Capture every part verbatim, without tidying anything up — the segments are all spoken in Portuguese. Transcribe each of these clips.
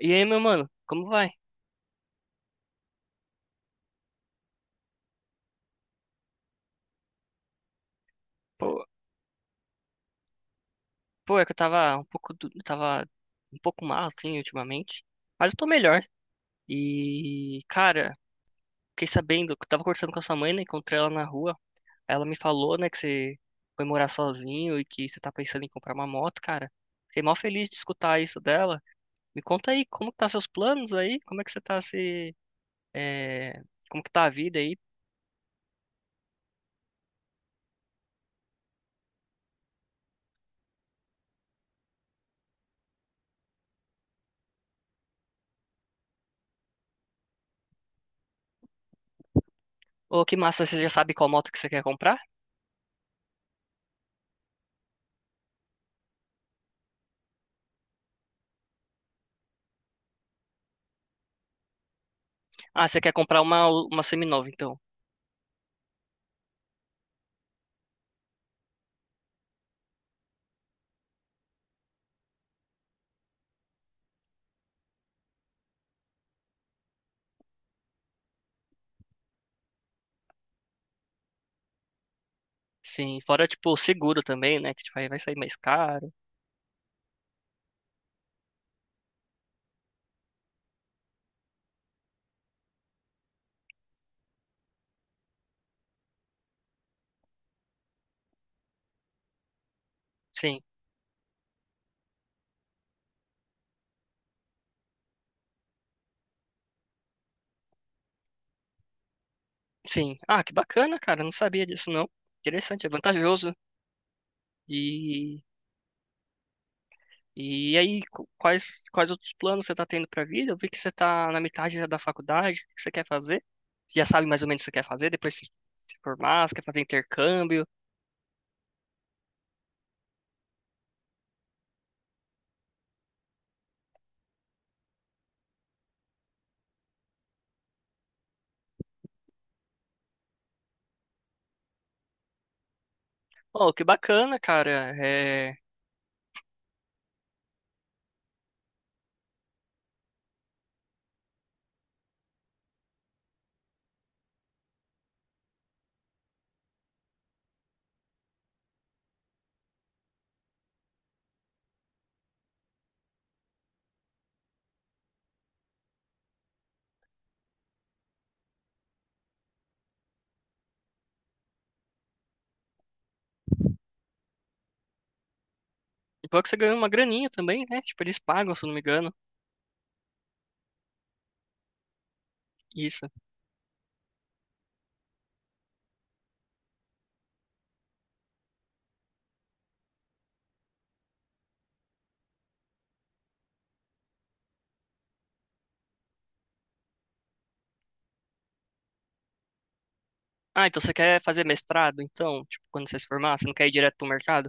E aí, meu mano, como vai? Pô, pô, é que eu tava um pouco, do- eu tava um pouco mal, assim, ultimamente. Mas eu tô melhor. E, cara, fiquei sabendo, que eu tava conversando com a sua mãe, né? Encontrei ela na rua. Ela me falou, né, que você foi morar sozinho e que você tá pensando em comprar uma moto, cara. Fiquei mal feliz de escutar isso dela. Me conta aí, como que tá seus planos aí? Como é que você tá se... é, Como que tá a vida aí? Ô, que massa, você já sabe qual moto que você quer comprar? Ah, você quer comprar uma, uma seminova, então. Sim, fora, tipo, o seguro também, né? Que tipo, aí vai sair mais caro. Sim, sim. Ah, que bacana, cara. Não sabia disso, não. Interessante, é vantajoso. E, e aí, qu- quais, quais outros planos você tá tendo pra vida? Eu vi que você tá na metade já da faculdade. O que você quer fazer? Você já sabe mais ou menos o que você quer fazer depois de se formar? Você quer fazer intercâmbio? Oh, que bacana, cara. É... E bom que você ganhou uma graninha também, né? Tipo, eles pagam, se eu não me engano. Isso. Ah, então você quer fazer mestrado, então? Tipo, quando você se formar, você não quer ir direto pro mercado?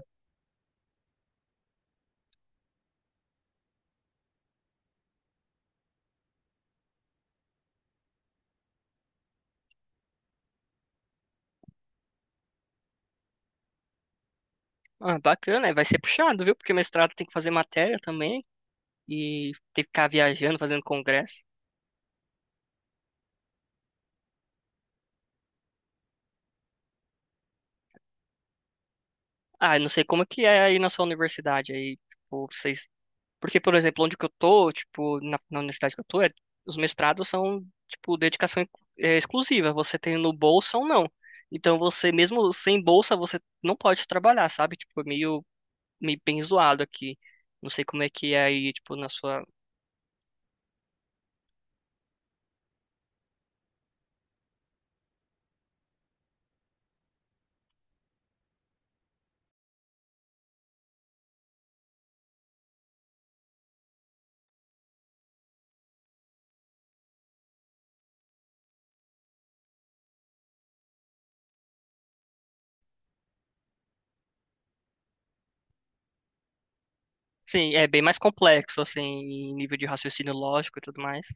Ah, bacana, é, vai ser puxado, viu? Porque mestrado tem que fazer matéria também e tem que ficar viajando, fazendo congresso. Ah, eu não sei como é que é aí na sua universidade aí, tipo, vocês... Porque, por exemplo, onde que eu tô, tipo, na, na universidade que eu tô, é- os mestrados são, tipo, dedicação ex- é, exclusiva. Você tem no bolsa ou não. Então, você, mesmo sem bolsa, você não pode trabalhar, sabe? Tipo, é meio, meio bem zoado aqui. Não sei como é que é aí, tipo, na sua... Sim, é bem mais complexo, assim, em nível de raciocínio lógico e tudo mais.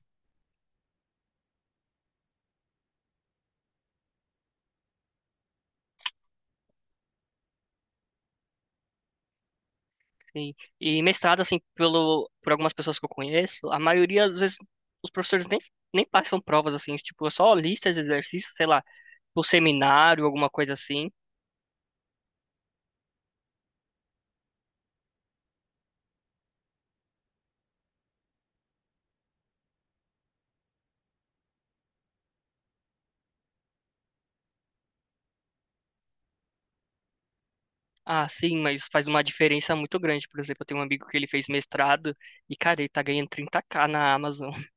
Sim. E mestrado, assim, pelo, por algumas pessoas que eu conheço, a maioria, às vezes, os professores nem, nem passam provas, assim, tipo, é só listas de exercícios, sei lá, o seminário, alguma coisa assim. Ah, sim, mas faz uma diferença muito grande. Por exemplo, eu tenho um amigo que ele fez mestrado e, cara, ele tá ganhando trinta K na Amazon.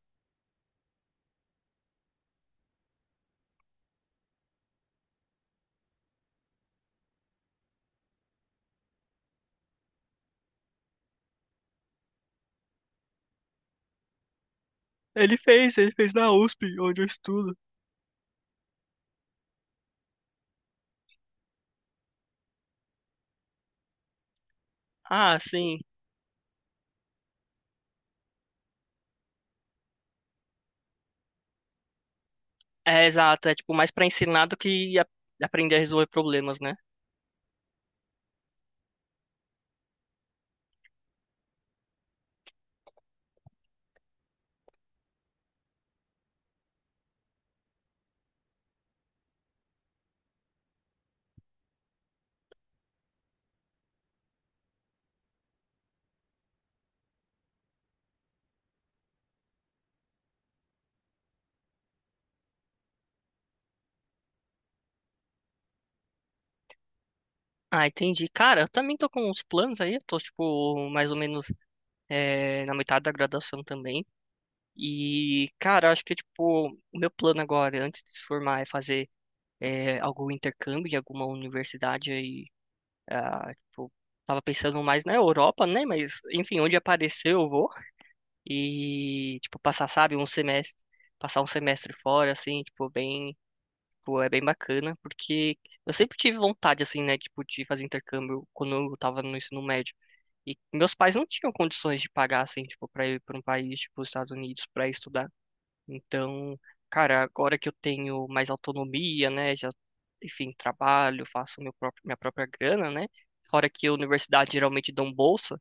Ele fez, ele fez na U S P, onde eu estudo. Ah, sim. É, exato. É, tipo, mais pra ensinar do que a- aprender a resolver problemas, né? Ah, entendi. Cara, eu também tô com uns planos aí. Eu tô, tipo, mais ou menos é, na metade da graduação também. E, cara, acho que, tipo, o meu plano agora, antes de se formar, é fazer é, algum intercâmbio em alguma universidade aí. Ah, tipo, tava pensando mais na Europa, né? Mas, enfim, onde aparecer eu vou. E, tipo, passar, sabe, um semestre, passar um semestre fora, assim, tipo, bem. Pô, é bem bacana, porque eu sempre tive vontade, assim, né, tipo, de fazer intercâmbio quando eu tava no ensino médio. E meus pais não tinham condições de pagar, assim, tipo, pra ir pra um país, tipo, os Estados Unidos, pra estudar. Então, cara, agora que eu tenho mais autonomia, né, já, enfim, trabalho, faço meu próprio, minha própria grana, né, fora que a universidade geralmente dão bolsa.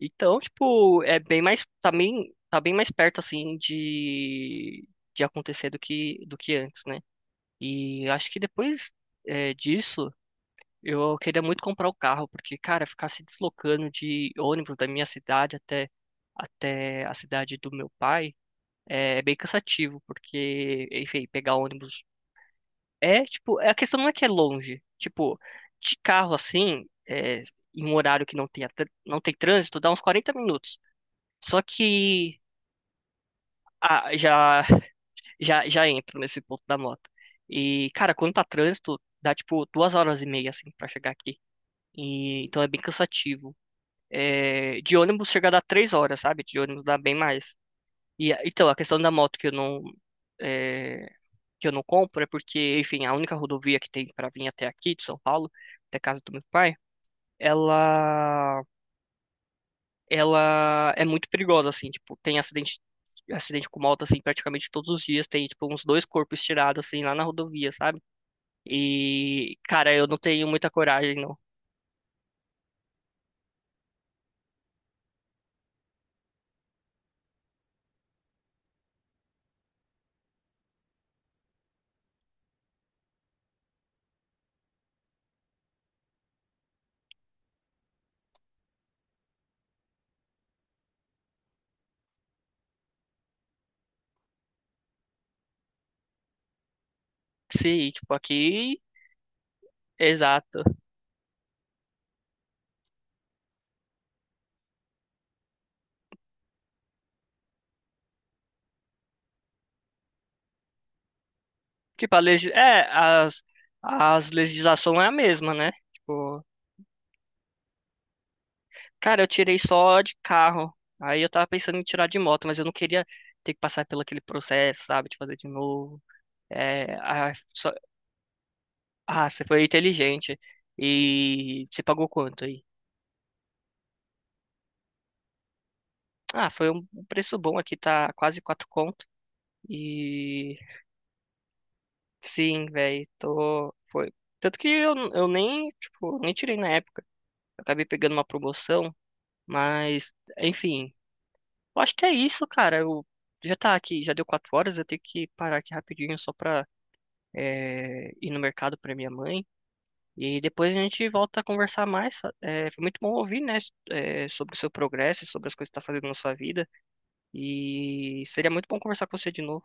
Então, tipo, é bem mais, também, tá bem mais perto, assim, de, de acontecer do que, do que antes, né? E acho que depois é, disso, eu queria muito comprar o carro, porque, cara, ficar se deslocando de ônibus da minha cidade até, até a cidade do meu pai eh, é, bem cansativo, porque, enfim, pegar ônibus é, tipo, é- a questão não é que é longe. Tipo, de carro assim, é, em um horário que não tem, não tem trânsito, dá uns quarenta minutos. Só que. Ah, já já, já entro nesse ponto da moto. E, cara, quando tá trânsito, dá tipo duas horas e meia, assim, pra chegar aqui. E, então é bem cansativo. É, de ônibus chega a dar três horas, sabe? De ônibus dá bem mais. E, então, a questão da moto que eu não, é, que eu não compro é porque, enfim, a única rodovia que tem pra vir até aqui, de São Paulo, até a casa do meu pai, ela, ela é muito perigosa, assim, tipo, tem acidente. Acidente com moto, assim, praticamente todos os dias. Tem, tipo, uns dois corpos tirados, assim, lá na rodovia, sabe? E, cara, eu não tenho muita coragem, não. Sim, tipo, aqui, exato. Tipo, a legis... é, as, as legislação é a mesma, né? Tipo, cara, eu tirei só de carro. Aí eu tava pensando em tirar de moto, mas eu não queria ter que passar pelo aquele processo, sabe? De fazer de novo. É, ah, só- ah, você foi inteligente. E você pagou quanto aí? Ah, foi um preço bom aqui, tá quase quatro conto. E sim, velho, tô. Foi. Tanto que eu, eu nem, tipo, nem tirei na época. Eu acabei pegando uma promoção, mas, enfim. Eu acho que é isso, cara. Eu já tá aqui, já deu quatro horas, eu tenho que parar aqui rapidinho só pra é, ir no mercado pra minha mãe. E depois a gente volta a conversar mais. É, foi muito bom ouvir, né, é, sobre o seu progresso, sobre as coisas que tá fazendo na sua vida. E seria muito bom conversar com você de novo.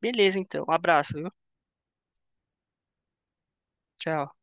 Beleza, então. Um abraço, viu? Tchau.